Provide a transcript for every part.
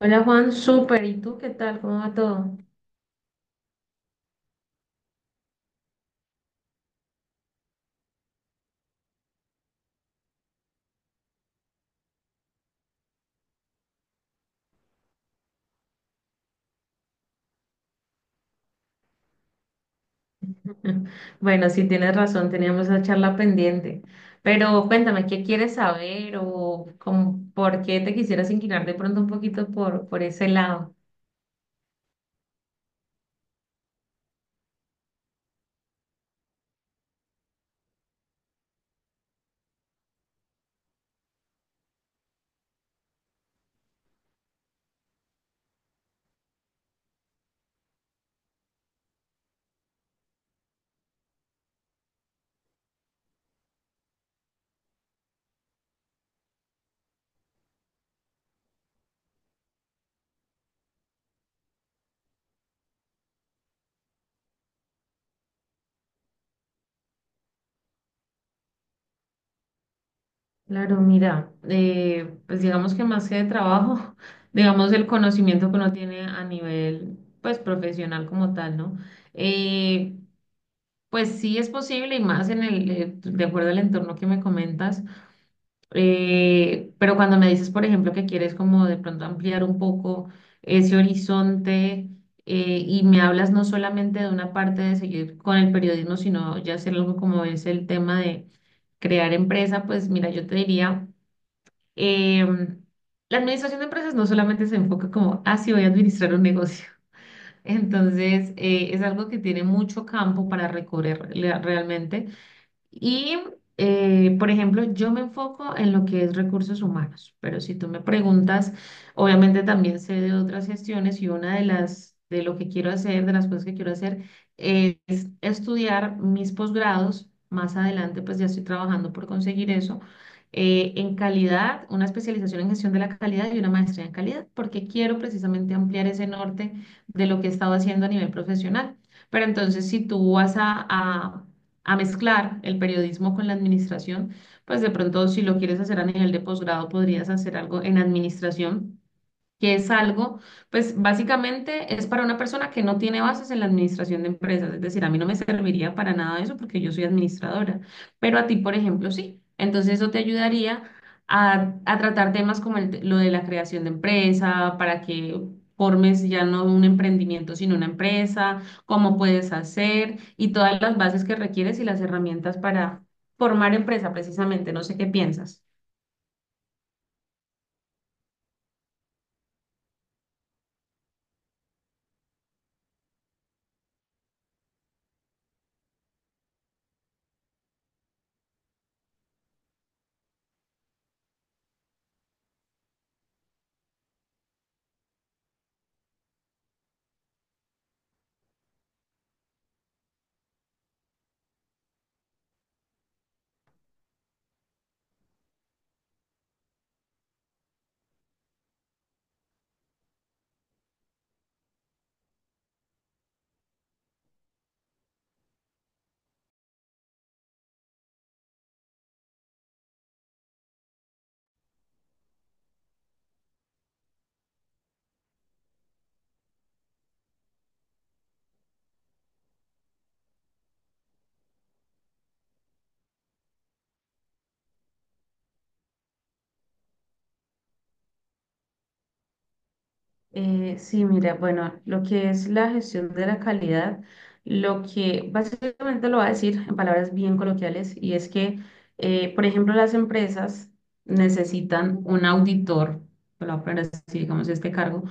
Hola Juan, súper. ¿Y tú qué tal? ¿Cómo va todo? Bueno, sí tienes razón, teníamos esa charla pendiente. Pero cuéntame, ¿qué quieres saber o por qué te quisieras inclinar de pronto un poquito por ese lado? Claro, mira, pues digamos que más que de trabajo, digamos el conocimiento que uno tiene a nivel pues profesional como tal, ¿no? Eh, pues sí es posible y más en el, de acuerdo al entorno que me comentas. Pero cuando me dices, por ejemplo, que quieres como de pronto ampliar un poco ese horizonte y me hablas no solamente de una parte de seguir con el periodismo, sino ya hacer algo como es el tema de crear empresa, pues mira, yo te diría, em, la administración de empresas no solamente se enfoca como, ah, sí, voy a administrar un negocio. Entonces, es algo que tiene mucho campo para realmente. Y, por ejemplo, yo me enfoco en lo que es recursos humanos, pero si tú me preguntas, obviamente también sé de otras gestiones y una de las, de lo que quiero hacer, de las cosas que quiero hacer, es estudiar mis posgrados. Más adelante, pues ya estoy trabajando por conseguir eso. En calidad, una especialización en gestión de la calidad y una maestría en calidad, porque quiero precisamente ampliar ese norte de lo que he estado haciendo a nivel profesional. Pero entonces, si tú vas a mezclar el periodismo con la administración, pues de pronto si lo quieres hacer a nivel de posgrado, podrías hacer algo en administración que es algo, pues básicamente es para una persona que no tiene bases en la administración de empresas, es decir, a mí no me serviría para nada eso porque yo soy administradora, pero a ti, por ejemplo, sí. Entonces eso te ayudaría a tratar temas como lo de la creación de empresa, para que formes ya no un emprendimiento, sino una empresa, cómo puedes hacer y todas las bases que requieres y las herramientas para formar empresa precisamente. No sé qué piensas. Sí, mira, bueno, lo que es la gestión de la calidad, lo que básicamente lo va a decir en palabras bien coloquiales, y es que, por ejemplo, las empresas necesitan un auditor, lo voy a poner así, digamos, este cargo,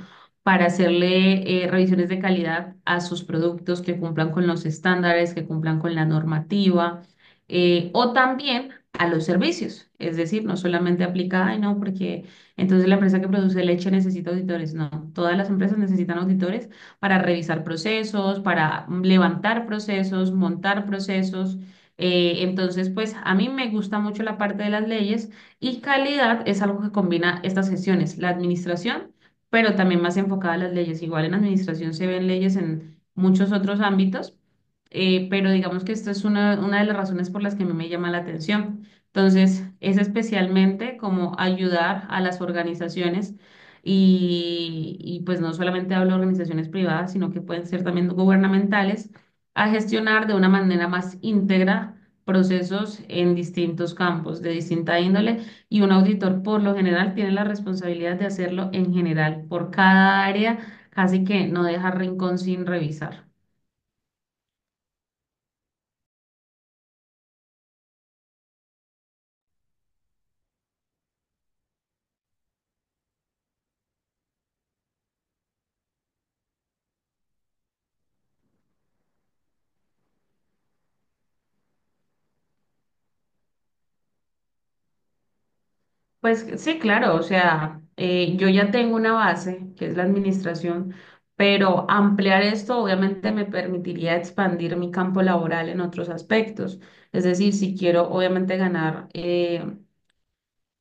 para hacerle revisiones de calidad a sus productos que cumplan con los estándares, que cumplan con la normativa, o también a los servicios. Es decir, no solamente aplica, ay, no, porque entonces, la empresa que produce leche necesita auditores. No, todas las empresas necesitan auditores para revisar procesos, para levantar procesos, montar procesos. Entonces, pues a mí me gusta mucho la parte de las leyes y calidad es algo que combina estas sesiones, la administración, pero también más enfocada a las leyes. Igual en administración se ven leyes en muchos otros ámbitos, pero digamos que esta es una de las razones por las que a mí me llama la atención. Entonces, es especialmente como ayudar a las organizaciones pues no solamente hablo de organizaciones privadas, sino que pueden ser también gubernamentales, a gestionar de una manera más íntegra procesos en distintos campos de distinta índole y un auditor por lo general tiene la responsabilidad de hacerlo en general por cada área, casi que no deja rincón sin revisar. Pues sí, claro, o sea, yo ya tengo una base, que es la administración, pero ampliar esto obviamente me permitiría expandir mi campo laboral en otros aspectos. Es decir, si quiero obviamente ganar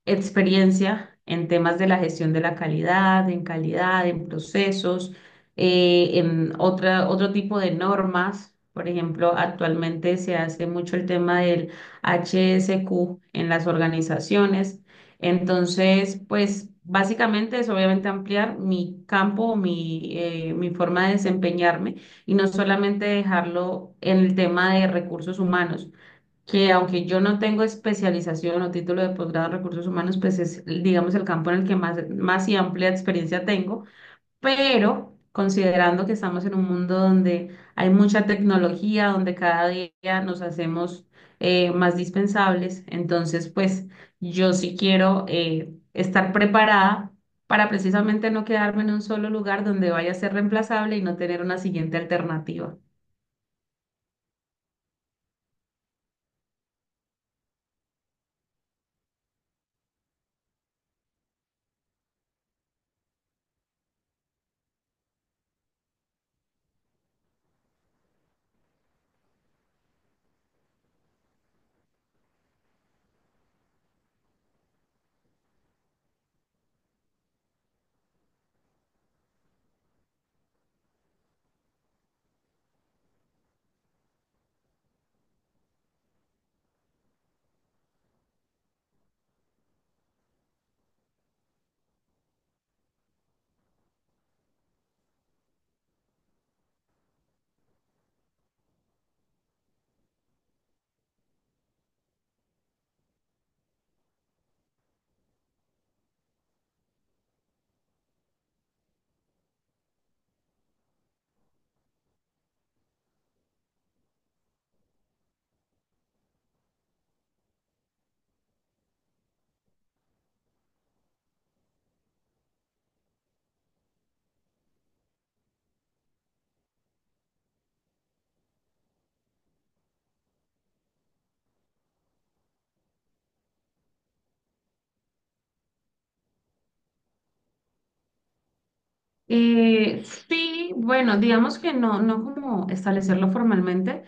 experiencia en temas de la gestión de la calidad, en calidad, en procesos, en otro tipo de normas. Por ejemplo, actualmente se hace mucho el tema del HSQ en las organizaciones. Entonces, pues básicamente es obviamente ampliar mi campo, mi forma de desempeñarme y no solamente dejarlo en el tema de recursos humanos que aunque yo no tengo especialización o título de posgrado en recursos humanos, pues es, digamos, el campo en el que más y amplia experiencia tengo, pero considerando que estamos en un mundo donde hay mucha tecnología, donde cada día nos hacemos más dispensables, entonces, pues yo sí quiero estar preparada para precisamente no quedarme en un solo lugar donde vaya a ser reemplazable y no tener una siguiente alternativa. Sí, bueno, digamos que no, no como establecerlo formalmente,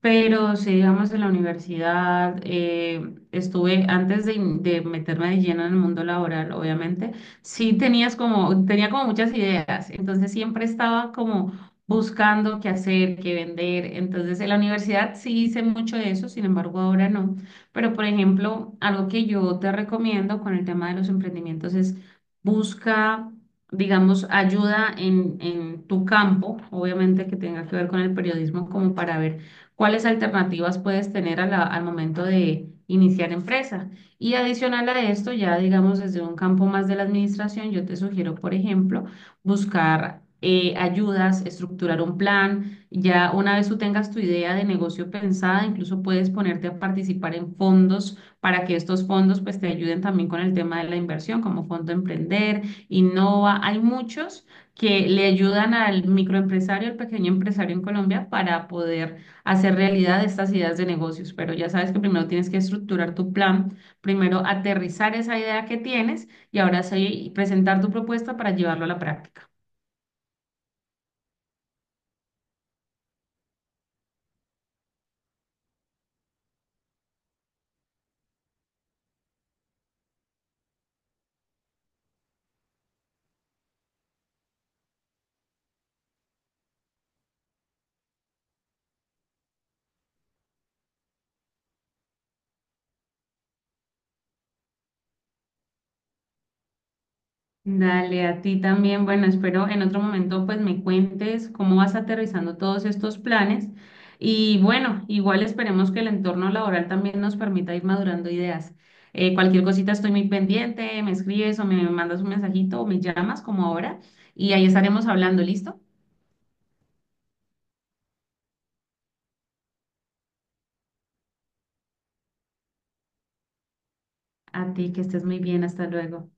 pero sí, digamos, en la universidad, estuve antes de meterme de lleno en el mundo laboral, obviamente, sí tenía como muchas ideas, entonces siempre estaba como buscando qué hacer, qué vender, entonces en la universidad sí hice mucho de eso, sin embargo ahora no, pero por ejemplo, algo que yo te recomiendo con el tema de los emprendimientos es busca... digamos, ayuda en tu campo, obviamente que tenga que ver con el periodismo, como para ver cuáles alternativas puedes tener a al momento de iniciar empresa. Y adicional a esto, ya digamos desde un campo más de la administración, yo te sugiero, por ejemplo, buscar ayudas, estructurar un plan. Ya una vez tú tengas tu idea de negocio pensada, incluso puedes ponerte a participar en fondos para que estos fondos pues te ayuden también con el tema de la inversión, como Fondo Emprender, Innova. Hay muchos que le ayudan al microempresario, al pequeño empresario en Colombia para poder hacer realidad estas ideas de negocios, pero ya sabes que primero tienes que estructurar tu plan, primero aterrizar esa idea que tienes y ahora sí presentar tu propuesta para llevarlo a la práctica. Dale, a ti también. Bueno, espero en otro momento pues me cuentes cómo vas aterrizando todos estos planes y bueno, igual esperemos que el entorno laboral también nos permita ir madurando ideas. Cualquier cosita estoy muy pendiente, me escribes o me mandas un mensajito o me llamas como ahora y ahí estaremos hablando, ¿listo? A ti, que estés muy bien. Hasta luego.